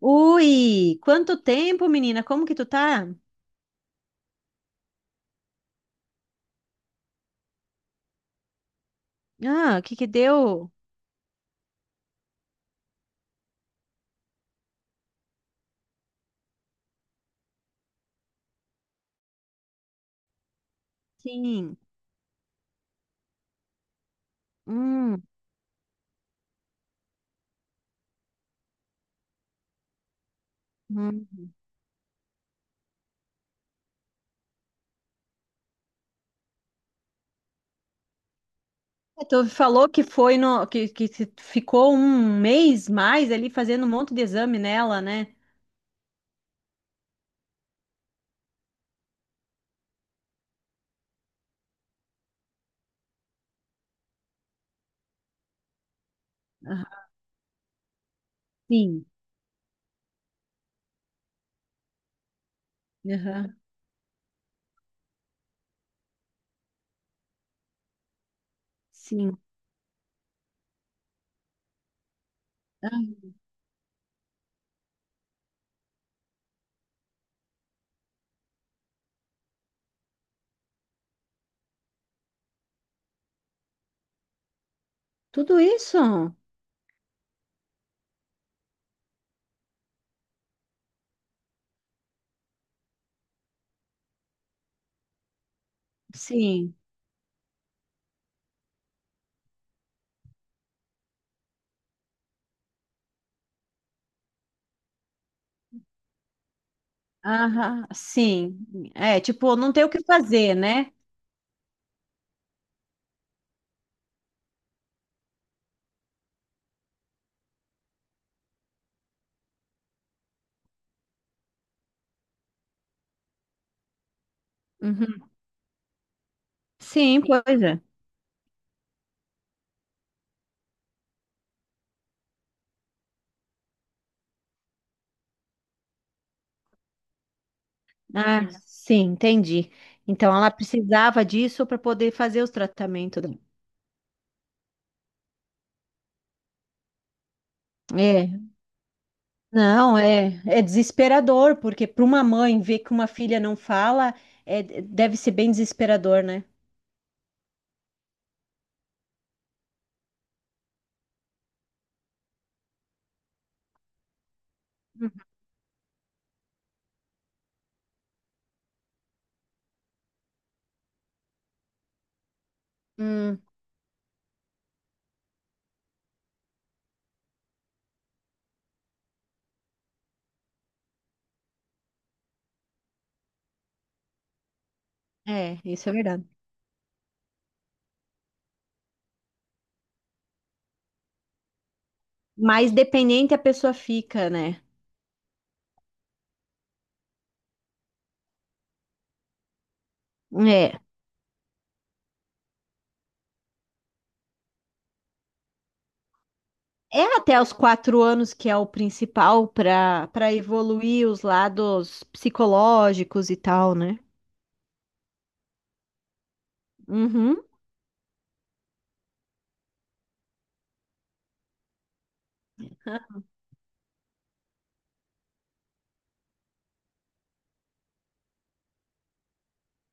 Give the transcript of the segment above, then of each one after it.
Ui, quanto tempo, menina? Como que tu tá? Ah, o que que deu? Sim. Hum, hum. É, tu falou que foi no que ficou um mês mais ali fazendo um monte de exame nela, né? Aham. Sim. Aham. Sim. Ah, tudo isso? Sim. Aham. Sim. É, tipo, não tem o que fazer, né? Uhum. Sim, pois é. Ah, sim, entendi. Então ela precisava disso para poder fazer os tratamentos dela. É, não, é, é desesperador, porque para uma mãe ver que uma filha não fala, é, deve ser bem desesperador, né? Hum, é, isso é verdade. Mais dependente a pessoa fica, né? É. É até os 4 anos que é o principal para evoluir os lados psicológicos e tal, né? Uhum.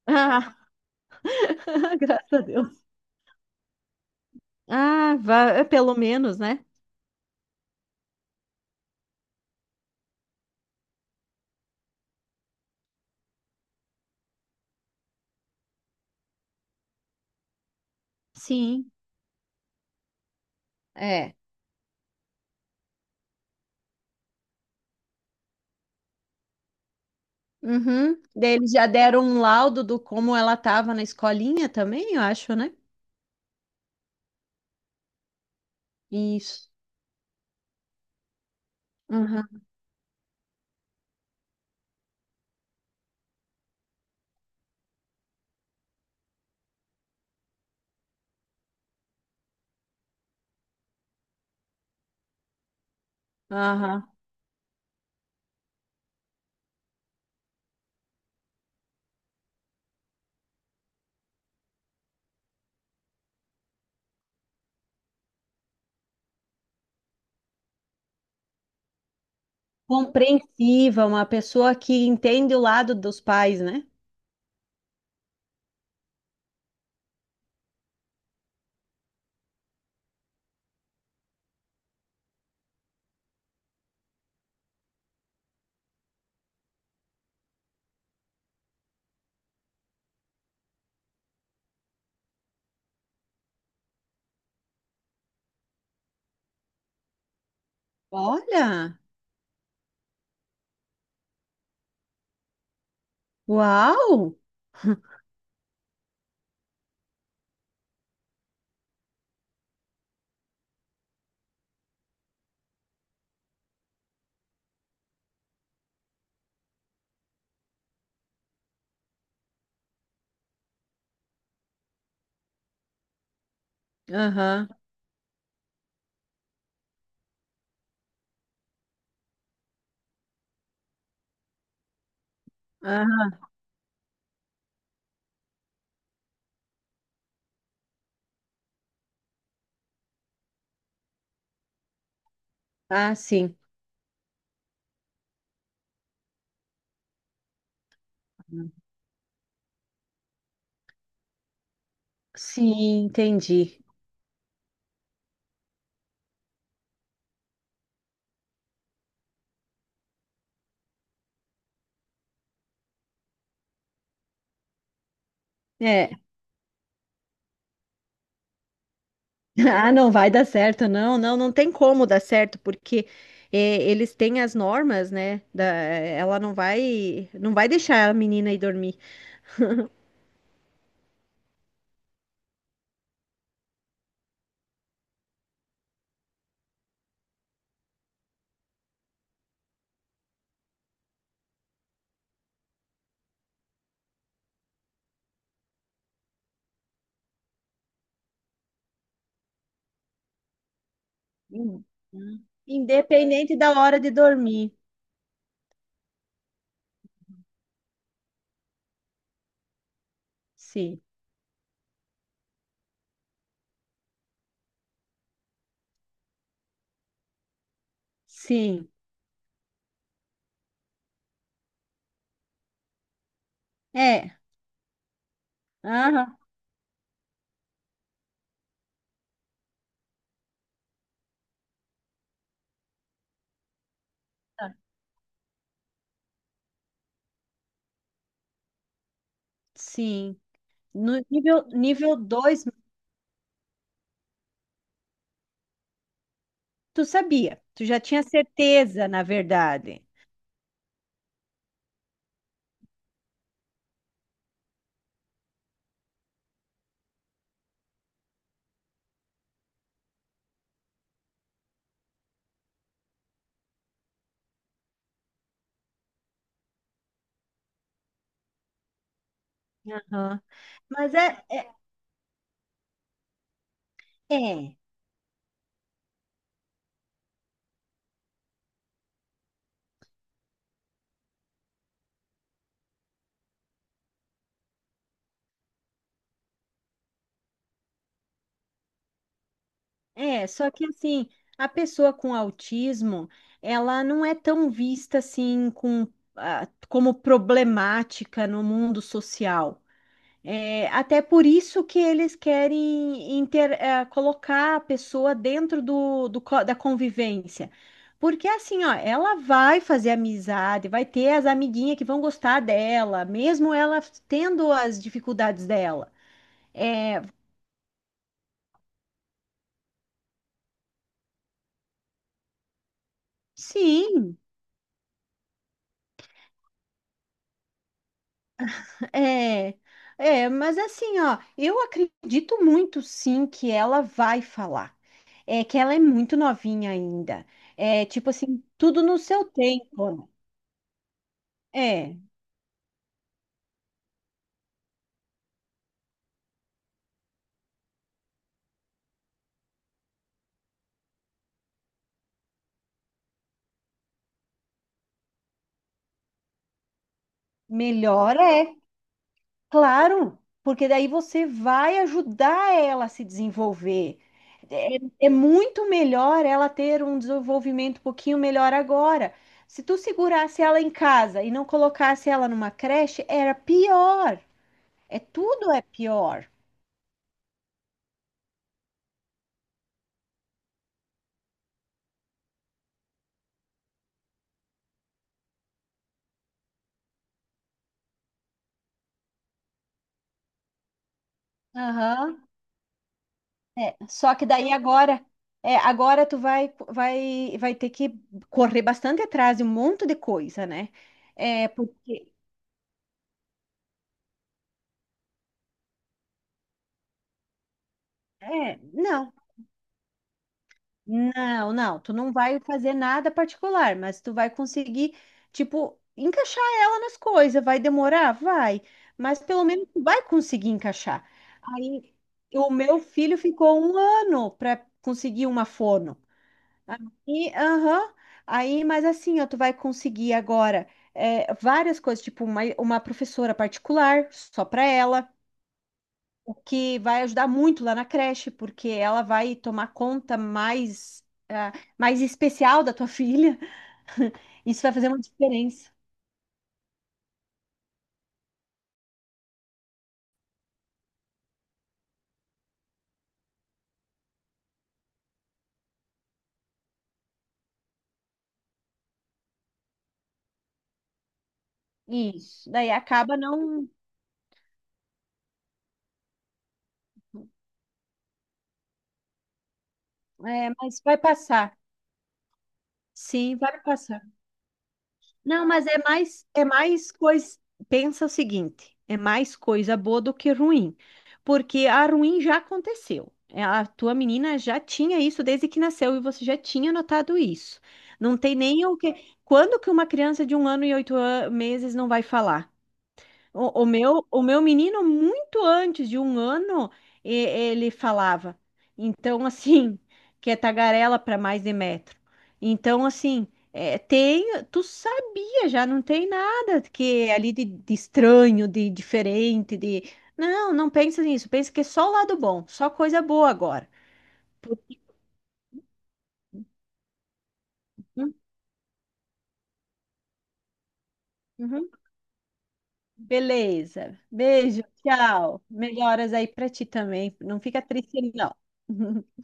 Ah, graças a Deus. Ah, vá, é pelo menos, né? Sim, é. Uhum. Daí eles já deram um laudo do como ela estava na escolinha também, eu acho, né? Isso. Uhum. Aham. Compreensiva, uma pessoa que entende o lado dos pais, né? Olha! Uau! Aham. Aham. Ah, sim. Sim, entendi. É, Ah, não vai dar certo, não, não, não tem como dar certo, porque eles têm as normas, né? Da, ela não vai, não vai deixar a menina ir dormir. Hum. Independente da hora de dormir. Sim, sim, é, aham, tá, sim. No nível, nível 2, tu sabia, tu já tinha certeza, na verdade. Aham. Mas é, é. É, só que assim, a pessoa com autismo, ela não é tão vista assim com, ah, como problemática no mundo social. É, até por isso que eles querem colocar a pessoa dentro da convivência. Porque assim, ó, ela vai fazer amizade, vai ter as amiguinhas que vão gostar dela, mesmo ela tendo as dificuldades dela. É, sim, é, é, mas assim, ó, eu acredito muito sim que ela vai falar. É que ela é muito novinha ainda. É tipo assim, tudo no seu tempo. Né? É, melhor é, claro, porque daí você vai ajudar ela a se desenvolver. É, é muito melhor ela ter um desenvolvimento um pouquinho melhor agora. Se tu segurasse ela em casa e não colocasse ela numa creche, era pior. É tudo é pior. Aham. É, só que daí agora, é, agora tu vai ter que correr bastante atrás de um monte de coisa, né? É, porque, é, não, não, não, tu não vai fazer nada particular, mas tu vai conseguir, tipo, encaixar ela nas coisas. Vai demorar? Vai, mas pelo menos tu vai conseguir encaixar. Aí, o meu filho ficou um ano para conseguir uma fono. E, aham, aí, mas assim, ó, tu vai conseguir agora é, várias coisas, tipo uma professora particular, só para ela, o que vai ajudar muito lá na creche, porque ela vai tomar conta mais, ah, mais especial da tua filha. Isso vai fazer uma diferença. Isso. Daí acaba não. É, mas vai passar. Sim, vai passar. Não, mas é mais coisa. Pensa o seguinte, é mais coisa boa do que ruim, porque a ruim já aconteceu. É, a tua menina já tinha isso desde que nasceu e você já tinha notado isso. Não tem nem o que. Quando que uma criança de um ano e oito meses não vai falar? O meu, o meu menino, muito antes de um ano, ele falava. Então, assim, que é tagarela para mais de metro. Então, assim, é, tem, tu sabia, já não tem nada que é ali de estranho, de diferente, de. Não, não pensa nisso, pensa que é só o lado bom, só coisa boa agora. Uhum, uhum. Beleza. Beijo, tchau. Melhoras aí para ti também. Não fica triste, não.